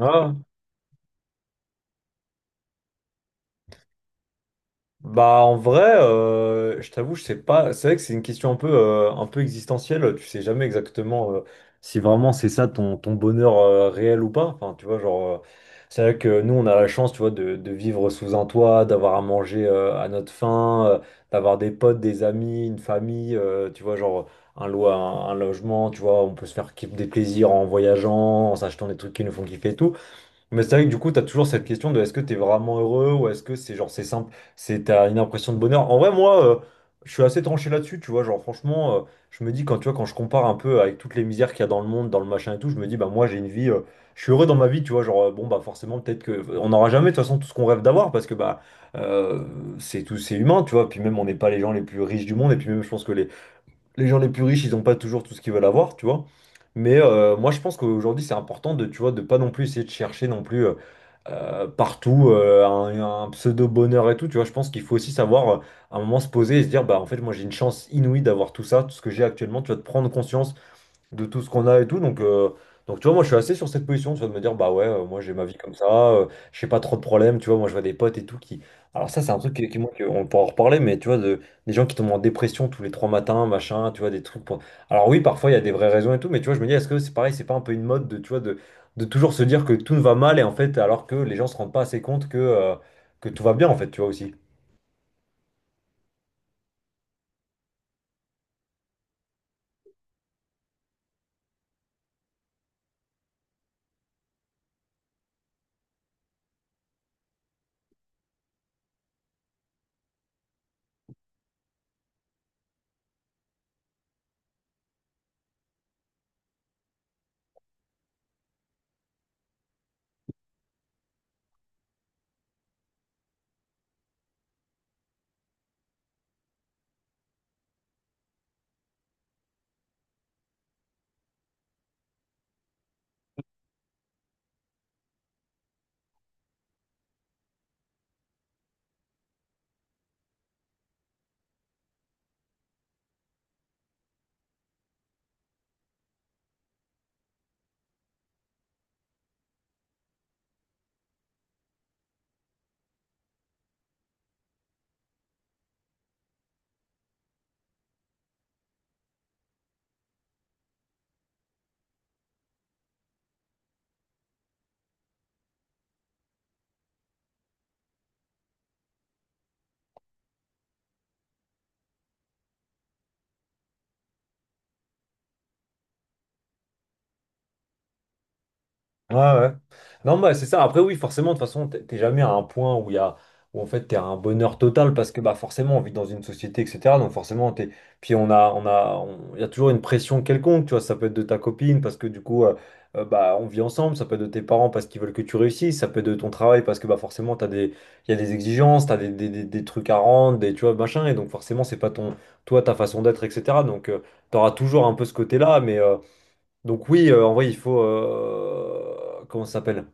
Ah. Bah en vrai, je t'avoue, je sais pas. C'est vrai que c'est une question un peu existentielle. Tu sais jamais exactement si vraiment c'est ça ton bonheur réel ou pas. Enfin, tu vois, genre, c'est vrai que nous, on a la chance, tu vois, de vivre sous un toit, d'avoir à manger à notre faim, d'avoir des potes, des amis, une famille, tu vois, genre un lo- un, un logement, tu vois, on peut se faire des plaisirs en voyageant, en s'achetant des trucs qui nous font kiffer et tout. Mais c'est vrai que du coup, tu as toujours cette question de est-ce que tu es vraiment heureux ou est-ce que c'est genre c'est simple, c'est t'as une impression de bonheur. En vrai, moi, je suis assez tranché là-dessus, tu vois. Genre, franchement, je me dis quand tu vois, quand je compare un peu avec toutes les misères qu'il y a dans le monde, dans le machin et tout, je me dis, bah moi, j'ai une vie, je suis heureux dans ma vie, tu vois. Genre, bon, bah forcément, peut-être que on n'aura jamais de toute façon tout ce qu'on rêve d'avoir parce que bah euh, c'est tout, c'est humain, tu vois. Puis même, on n'est pas les gens les plus riches du monde et puis même, je pense que les gens les plus riches, ils n'ont pas toujours tout ce qu'ils veulent avoir, tu vois. Mais moi, je pense qu'aujourd'hui, c'est important de, tu vois, de pas non plus essayer de chercher non plus. Partout, un pseudo-bonheur et tout, tu vois, je pense qu'il faut aussi savoir à un moment se poser et se dire, bah en fait moi j'ai une chance inouïe d'avoir tout ça, tout ce que j'ai actuellement, tu vas te prendre conscience de tout ce qu'on a et tout. Donc tu vois, moi je suis assez sur cette position, tu vois, de me dire, bah ouais, moi j'ai ma vie comme ça, j'ai pas trop de problèmes, tu vois, moi je vois des potes et tout qui. Alors ça, c'est un truc moi, on pourra en reparler, mais tu vois, de, des gens qui tombent en dépression tous les trois matins, machin, tu vois, des trucs pour- Alors oui, parfois il y a des vraies raisons et tout, mais tu vois, je me dis, est-ce que c'est pareil, c'est pas un peu une mode de, tu vois, de toujours se dire que tout va mal et en fait, alors que les gens se rendent pas assez compte que tout va bien, en fait, tu vois aussi. Ouais, ouais. Non, bah, c'est ça. Après, oui, forcément, de toute façon, t'es jamais à un point où il y a, où en fait, t'es à un bonheur total parce que, bah, forcément, on vit dans une société, etc. Donc, forcément, t'es, puis on a, on- il y a toujours une pression quelconque, tu vois. Ça peut être de ta copine parce que, du coup, bah, on vit ensemble. Ça peut être de tes parents parce qu'ils veulent que tu réussisses. Ça peut être de ton travail parce que, bah, forcément, t'as des, il y a des exigences, t'as des trucs à rendre, des, tu vois, machin. Et donc, forcément, c'est pas ton, toi, ta façon d'être, etc. Donc, t'auras toujours un peu ce côté-là, mais, donc oui, en vrai, il faut… comment ça s'appelle?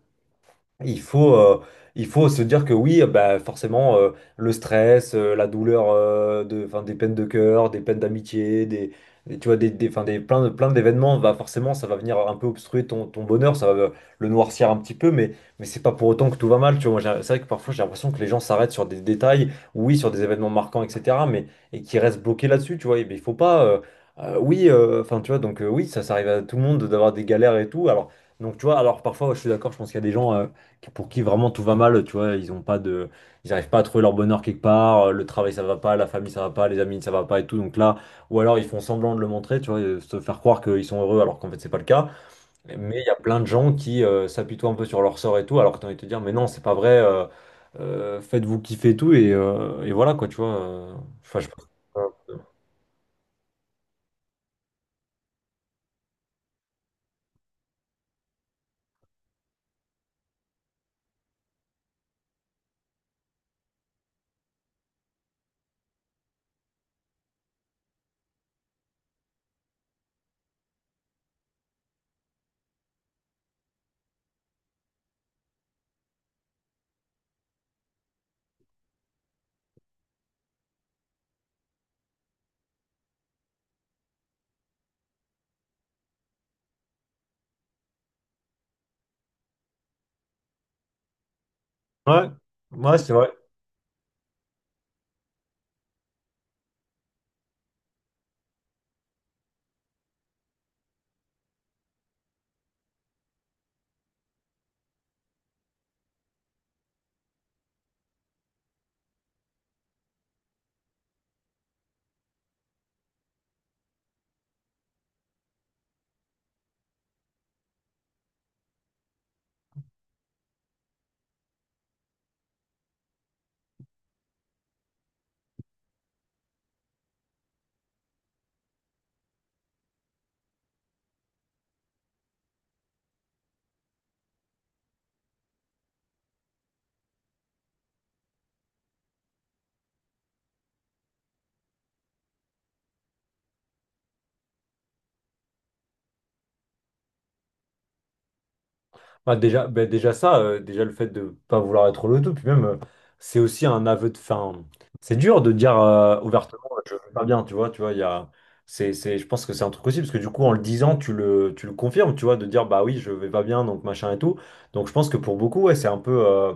Il faut, euh, il faut se dire que oui, bah, forcément, le stress, la douleur de, 'fin, des peines de cœur, des peines d'amitié, des- tu vois, 'fin, des, plein, plein d'événements, bah, forcément, ça va venir un peu obstruer ton bonheur, ça va le noircir un petit peu, mais c'est pas pour autant que tout va mal. Tu vois, moi, j'ai- c'est vrai que parfois, j'ai l'impression que les gens s'arrêtent sur des détails, oui, sur des événements marquants, etc., mais et qui restent bloqués là-dessus, tu vois. Et, ben, il faut pas. Oui, enfin, tu vois, donc oui, ça arrive à tout le monde d'avoir des galères et tout. Alors, donc, tu vois, alors parfois, je suis d'accord, je pense qu'il y a des gens. Pour qui vraiment tout va mal, tu vois, ils ont pas de, ils arrivent pas à trouver leur bonheur quelque part, le travail ça va pas, la famille ça va pas, les amis ça va pas et tout, donc là, ou alors ils font semblant de le montrer, tu vois, se faire croire qu'ils sont heureux alors qu'en fait c'est pas le cas, mais il y a plein de gens qui s'apitoient un peu sur leur sort et tout, alors que t'as envie de te dire, mais non, c'est pas vrai, faites-vous kiffer et tout, et voilà quoi, tu vois, enfin, je… Ouais, ouais, c'est vrai. Bah, déjà ça, déjà le fait de pas vouloir être le tout, puis même, c'est aussi un aveu de fin. C'est dur de dire ouvertement, je vais pas bien, tu vois, il y a, c'est, je pense que c'est un truc aussi, parce que du coup, en le disant, tu le confirmes, tu vois, de dire, bah oui, je vais pas bien, donc machin et tout. Donc je pense que pour beaucoup, ouais, c'est un peu…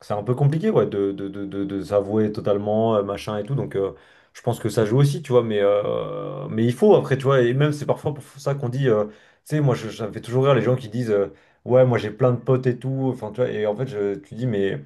c'est un peu compliqué ouais, de s'avouer totalement, machin et tout. Donc, je pense que ça joue aussi, tu vois. Mais il faut, après, tu vois. Et même, c'est parfois pour ça qu'on dit, tu sais, moi, je- ça me fait toujours rire les gens qui disent, ouais, moi, j'ai plein de potes et tout. Enfin, tu vois. Et en fait, je, tu dis, mais.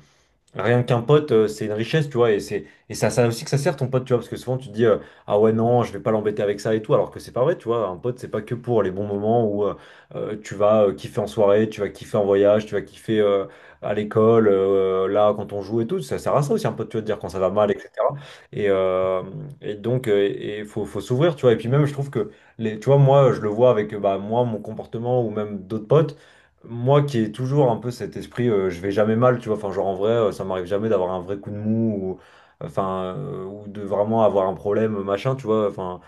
Rien qu'un pote, c'est une richesse, tu vois, et c'est ça aussi que ça sert ton pote, tu vois, parce que souvent tu te dis ah ouais non, je vais pas l'embêter avec ça et tout, alors que c'est pas vrai, tu vois, un pote c'est pas que pour les bons moments où tu vas kiffer en soirée, tu vas kiffer en voyage, tu vas kiffer à l'école, là quand on joue et tout, ça sert à ça aussi un pote, tu vois, de dire quand ça va mal, etc. Et, euh, et donc et faut s'ouvrir, tu vois, et puis même je trouve que les, tu vois, moi je le vois avec bah moi mon comportement ou même d'autres potes. Moi qui ai toujours un peu cet esprit, je vais jamais mal, tu vois, enfin genre en vrai, ça m'arrive jamais d'avoir un vrai coup de mou ou, enfin, ou de vraiment avoir un problème, machin, tu vois, enfin.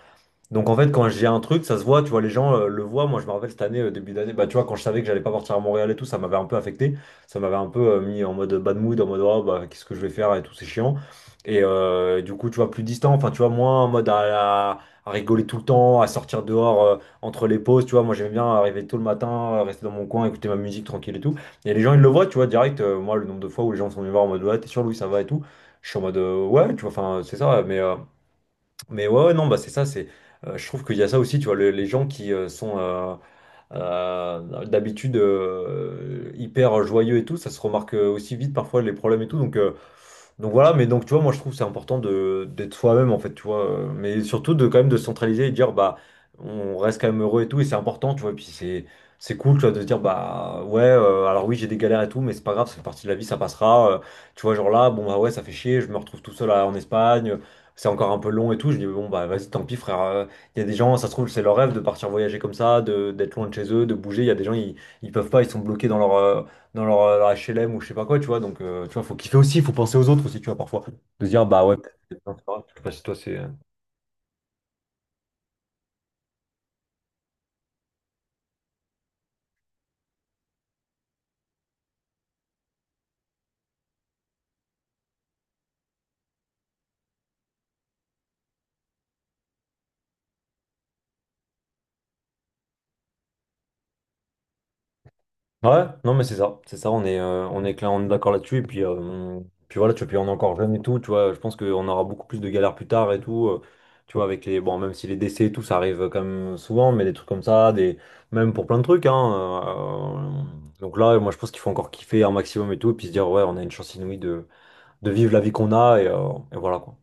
Donc en fait, quand j'ai un truc, ça se voit, tu vois, les gens le voient. Moi, je me rappelle cette année, début d'année, bah, tu vois, quand je savais que j'allais pas partir à Montréal et tout, ça m'avait un peu affecté. Ça m'avait un peu mis en mode bad mood, en mode, oh, bah, qu'est-ce que je vais faire et tout, c'est chiant. Et du coup, tu vois, plus distant, enfin, tu vois, moins en mode à rigoler tout le temps, à sortir dehors entre les pauses, tu vois. Moi, j'aimais bien arriver tôt le matin, rester dans mon coin, écouter ma musique tranquille et tout. Et les gens, ils le voient, tu vois, direct. Moi, le nombre de fois où les gens sont venus me voir en mode, ouais, t'es sûr, Louis, ça va et tout. Je suis en mode, ouais, tu vois, enfin, c'est ça, mais. Mais ouais, ouais, non, bah c'est ça, c'est, je trouve qu'il y a ça aussi, tu vois, le- les gens qui sont, d'habitude, hyper joyeux et tout, ça se remarque aussi vite parfois les problèmes et tout. Donc voilà, mais donc tu vois, moi je trouve que c'est important de d'être soi-même en fait, tu vois, mais surtout de quand même de se centraliser et de dire bah on reste quand même heureux et tout, et c'est important, tu vois, et puis c'est cool, tu vois, de se dire bah ouais, alors oui, j'ai des galères et tout, mais c'est pas grave, ça fait partie de la vie, ça passera, tu vois, genre là, bon bah ouais, ça fait chier, je me retrouve tout seul en Espagne, c'est encore un peu long et tout, je dis bon bah vas-y, tant pis frère, il y a des gens, ça se trouve, c'est leur rêve de partir voyager comme ça, de, d'être loin de chez eux, de bouger. Il y a des gens, ils peuvent pas, ils sont bloqués dans leur, leur HLM ou je sais pas quoi, tu vois. Donc, tu vois, faut kiffer aussi, faut penser aux autres aussi, tu vois, parfois. De se dire, bah ouais, peut-être que les gens, c'est pas grave. Je sais pas si toi, c'est. Ouais, non mais c'est ça, on est clair, on est d'accord là-dessus, et puis, puis voilà, tu vois, puis on est encore jeune et tout, tu vois, je pense qu'on aura beaucoup plus de galères plus tard et tout, tu vois, avec les, bon, même si les décès et tout, ça arrive quand même souvent, mais des trucs comme ça, des, même pour plein de trucs, hein, donc là, moi je pense qu'il faut encore kiffer un maximum et tout, et puis se dire, ouais, on a une chance inouïe de vivre la vie qu'on a, et voilà, quoi.